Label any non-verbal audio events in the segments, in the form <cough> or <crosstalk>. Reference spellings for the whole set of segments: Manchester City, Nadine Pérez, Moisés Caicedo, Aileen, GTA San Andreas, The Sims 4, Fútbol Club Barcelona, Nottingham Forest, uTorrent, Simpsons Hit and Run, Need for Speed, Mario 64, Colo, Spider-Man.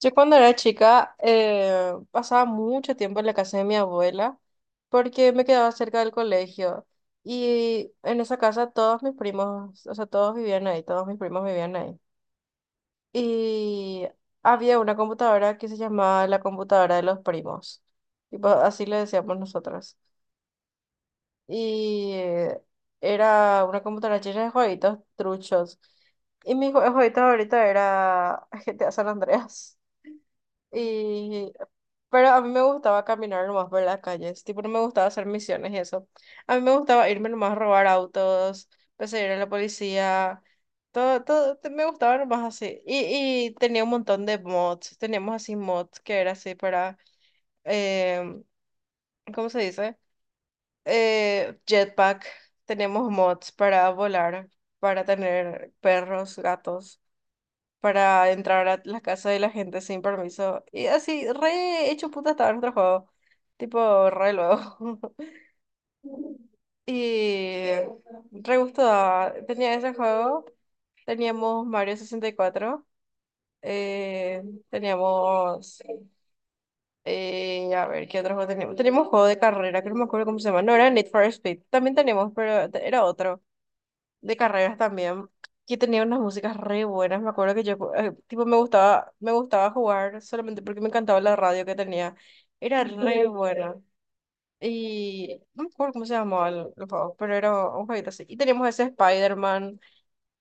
Yo cuando era chica pasaba mucho tiempo en la casa de mi abuela porque me quedaba cerca del colegio, y en esa casa todos mis primos, o sea, todos vivían ahí, todos mis primos vivían ahí. Y había una computadora que se llamaba la computadora de los primos, tipo, así le decíamos nosotros. Y era una computadora llena de jueguitos truchos. Y mi jueguito ahorita era <laughs> GTA San Andreas. Y, pero a mí me gustaba caminar nomás por las calles, tipo, no me gustaba hacer misiones y eso. A mí me gustaba irme nomás a robar autos, perseguir a la policía, todo, todo, me gustaba nomás así. Y tenía un montón de mods, teníamos así mods que era así para, em, ¿cómo se dice? Jetpack, teníamos mods para volar, para tener perros, gatos, para entrar a las casas de la gente sin permiso. Y así, re hecho puta estaba nuestro juego. Tipo, re luego. <laughs> Y re gusto daba. Tenía ese juego. Teníamos Mario 64. eh, Teníamos. A ver, ¿qué otro juego teníamos? Teníamos juego de carrera, que no me acuerdo cómo se llama. No era Need for Speed. También teníamos, pero era otro de carreras también, que tenía unas músicas re buenas. Me acuerdo que yo, tipo, me gustaba jugar solamente porque me encantaba la radio que tenía. Era re, sí, buena. Y no me acuerdo cómo se llamaba el juego, pero era un jueguito así. Y teníamos ese Spider-Man,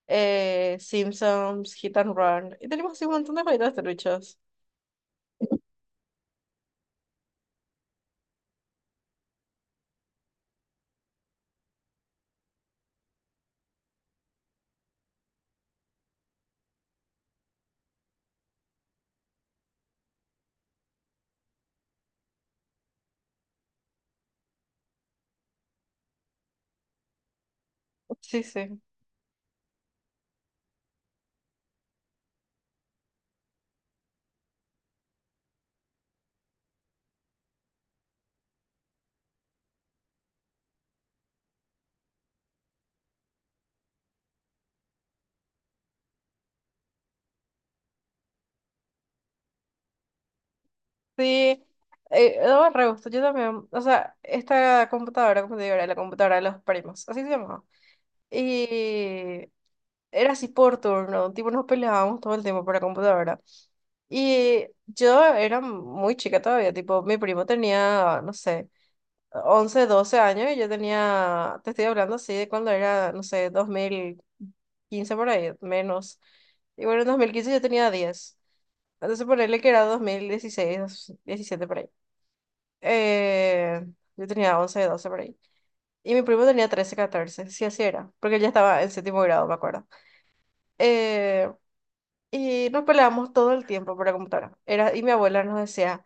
Simpsons, Hit and Run. Y teníamos así un montón de jueguitos truchos. Sí, sí. Sí. Daba re gusto, yo también. O sea, esta computadora, como te digo, era la computadora de los primos. Así se llamaba. Y era así por turno, tipo nos peleábamos todo el tiempo por la computadora. Y yo era muy chica todavía, tipo, mi primo tenía, no sé, 11 12 años y yo tenía, te estoy hablando así de cuando era, no sé, 2015 por ahí, menos. Y bueno, en 2015 yo tenía 10. Entonces ponerle que era 2016 2017 por ahí. Eh, yo tenía 11 12 por ahí. Y mi primo tenía 13 14, sí, así era, porque él ya estaba en séptimo grado, me acuerdo. Eh, Y nos peleábamos todo el tiempo por la computadora. Era, y mi abuela nos decía,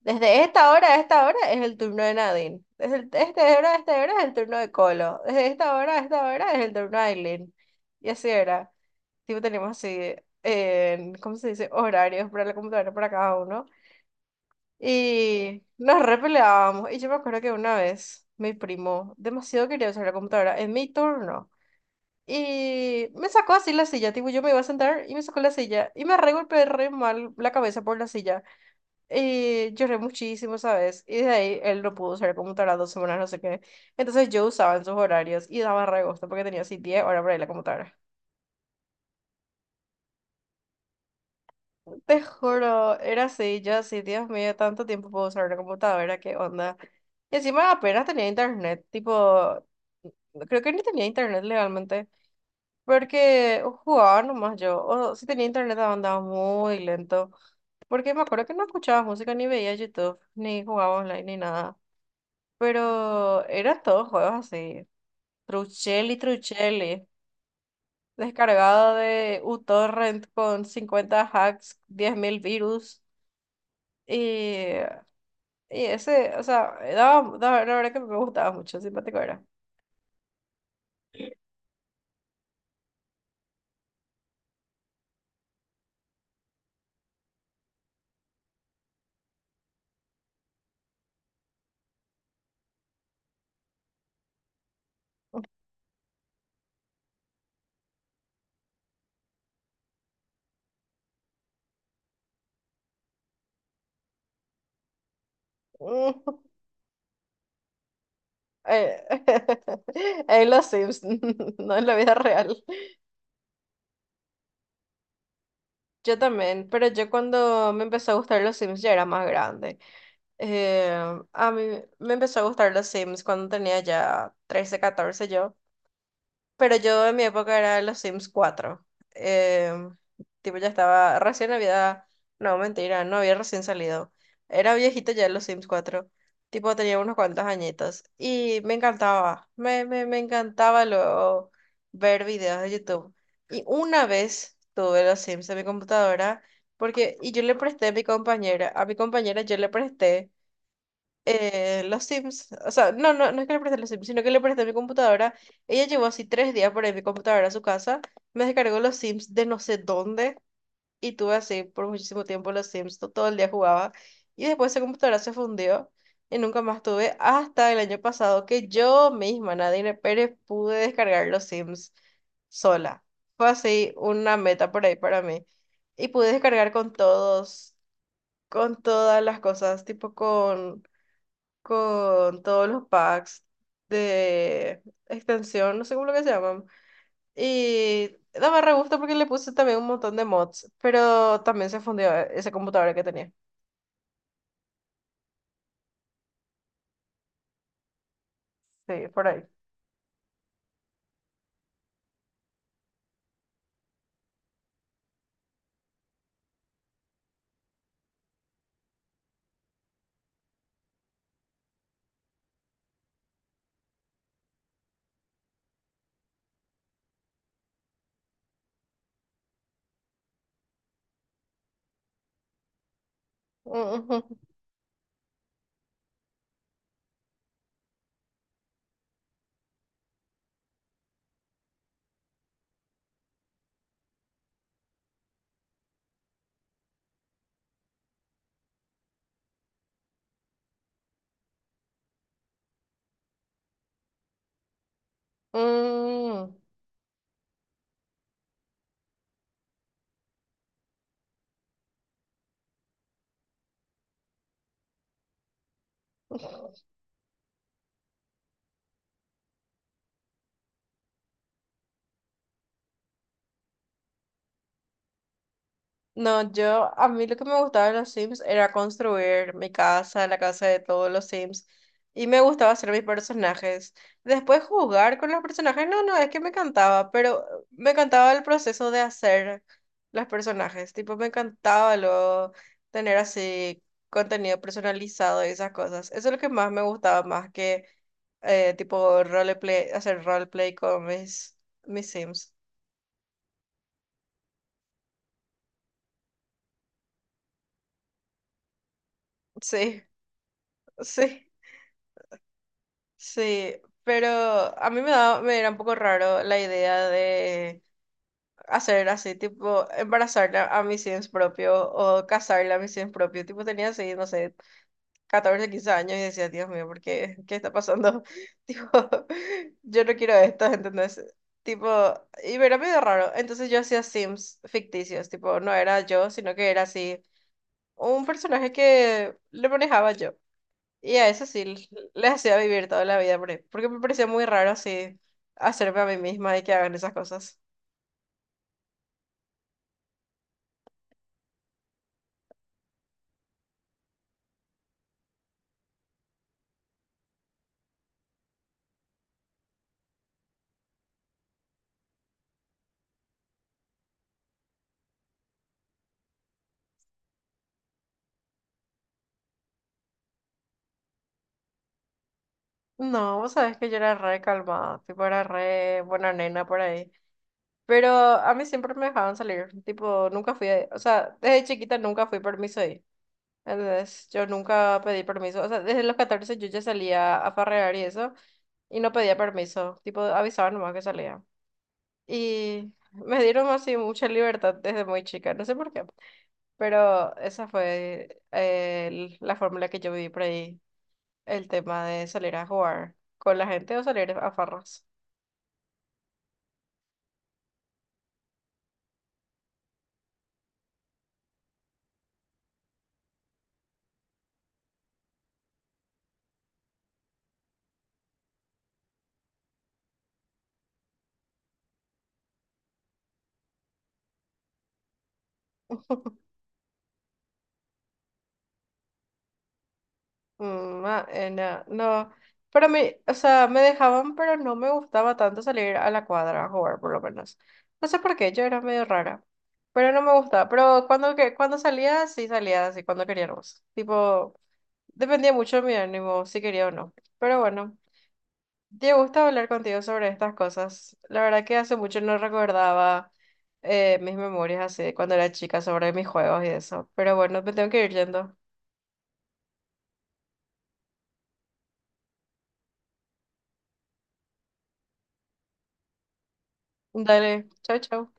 desde esta hora a esta hora es el turno de Nadine. Desde esta hora a esta hora es el turno de Colo. Desde esta hora a esta hora es el turno de Aileen. Y así era. Tipo, teníamos así, ¿cómo se dice? Horarios para la computadora para cada uno. Y nos repeleábamos. Y yo me acuerdo que una vez mi primo demasiado quería usar la computadora en mi turno. Y me sacó así la silla, tipo, yo me iba a sentar y me sacó la silla. Y me re golpeé re mal la cabeza por la silla. Y lloré muchísimo, ¿sabes? Y de ahí él no pudo usar computadora 2 semanas, no sé qué. Entonces yo usaba en sus horarios y daba re gusto porque tenía así 10 horas para ir a la computadora. Te juro, era así, yo así, Dios mío, tanto tiempo puedo usar una computadora, qué onda. Y encima apenas tenía internet, tipo, creo que ni tenía internet legalmente. Porque jugaba nomás yo, o si tenía internet andaba muy lento, porque me acuerdo que no escuchaba música, ni veía YouTube, ni jugaba online, ni nada, pero eran todos juegos así, Truchelli, Truchelli, descargado de uTorrent con 50 hacks, 10.000 virus, y, y ese, o sea, la verdad que me gustaba mucho, simpático era. Mm. <laughs> Eh, <laughs> En los Sims, <laughs> no en la vida real. Yo también, pero yo cuando me empezó a gustar los Sims ya era más grande. Eh, a mí me empezó a gustar los Sims cuando tenía ya 13 14 yo. Pero yo en mi época era los Sims cuatro. Eh, Tipo, ya estaba, recién había, no, mentira, no había recién salido. Era viejito ya los Sims cuatro. Tipo, tenía unos cuantos añitos. Y me encantaba luego ver videos de YouTube. Y una vez tuve los Sims en mi computadora, porque, y yo le presté a mi compañera yo le presté los Sims, o sea, no, no, no es que le presté los Sims, sino que le presté mi computadora. Ella llevó así 3 días por ahí mi computadora a su casa, me descargó los Sims de no sé dónde y tuve así por muchísimo tiempo los Sims, todo el día jugaba y después esa computadora se fundió y nunca más tuve hasta el año pasado que yo misma, Nadine Pérez, pude descargar los Sims sola. Fue así una meta por ahí para mí. Y pude descargar con todos, con todas las cosas, tipo con todos los packs de extensión, no sé cómo lo que se llaman. Y daba re gusto porque le puse también un montón de mods, pero también se fundió esa computadora que tenía. Sí, por ahí. Mm, mm, mm. No, yo, a mí lo que me gustaba de los Sims era construir mi casa, la casa de todos los Sims, y me gustaba hacer mis personajes. Después jugar con los personajes, no, no, es que me encantaba, pero me encantaba el proceso de hacer los personajes, tipo, me encantaba lo, tener así contenido personalizado y esas cosas. Eso es lo que más me gustaba, más que tipo roleplay, hacer roleplay con mis, mis Sims. Sí, <laughs> sí. Sí, pero a mí me era un poco raro la idea de hacer así, tipo, embarazarla a mis sims propio o casarla a mis sims propio. Tipo, tenía así, no sé, 14 15 años y decía, Dios mío, ¿por qué? ¿Qué está pasando? <laughs> Tipo, yo no quiero esto, ¿entendés? Tipo, y me era medio raro. Entonces yo hacía sims ficticios, tipo, no era yo, sino que era así, un personaje que le manejaba yo. Y a eso sí, les hacía vivir toda la vida, por ahí, porque me parecía muy raro así hacerme a mí misma y que hagan esas cosas. No, vos sabés que yo era re calmada, tipo era re buena nena por ahí. Pero a mí siempre me dejaban salir, tipo nunca fui, o sea, desde chiquita nunca fui permiso ahí. Entonces, yo nunca pedí permiso, o sea, desde los 14 yo ya salía a farrear y eso, y no pedía permiso, tipo avisaban nomás que salía. Y me dieron así mucha libertad desde muy chica, no sé por qué. Pero esa fue la fórmula que yo viví por ahí, el tema de salir a jugar con la gente o salir a farras. Mm, ah, no, no, pero me, o sea, me dejaban, pero no me gustaba tanto salir a la cuadra a jugar, por lo menos. No sé por qué, yo era medio rara, pero no me gustaba. Pero cuando, que, cuando salía, sí salía así, cuando queríamos. Tipo, dependía mucho de mi ánimo, si quería o no. Pero bueno. Te gusta hablar contigo sobre estas cosas. La verdad que hace mucho no recordaba mis memorias así de cuando era chica sobre mis juegos y eso. Pero bueno, me tengo que ir yendo. Dale, chao, chao.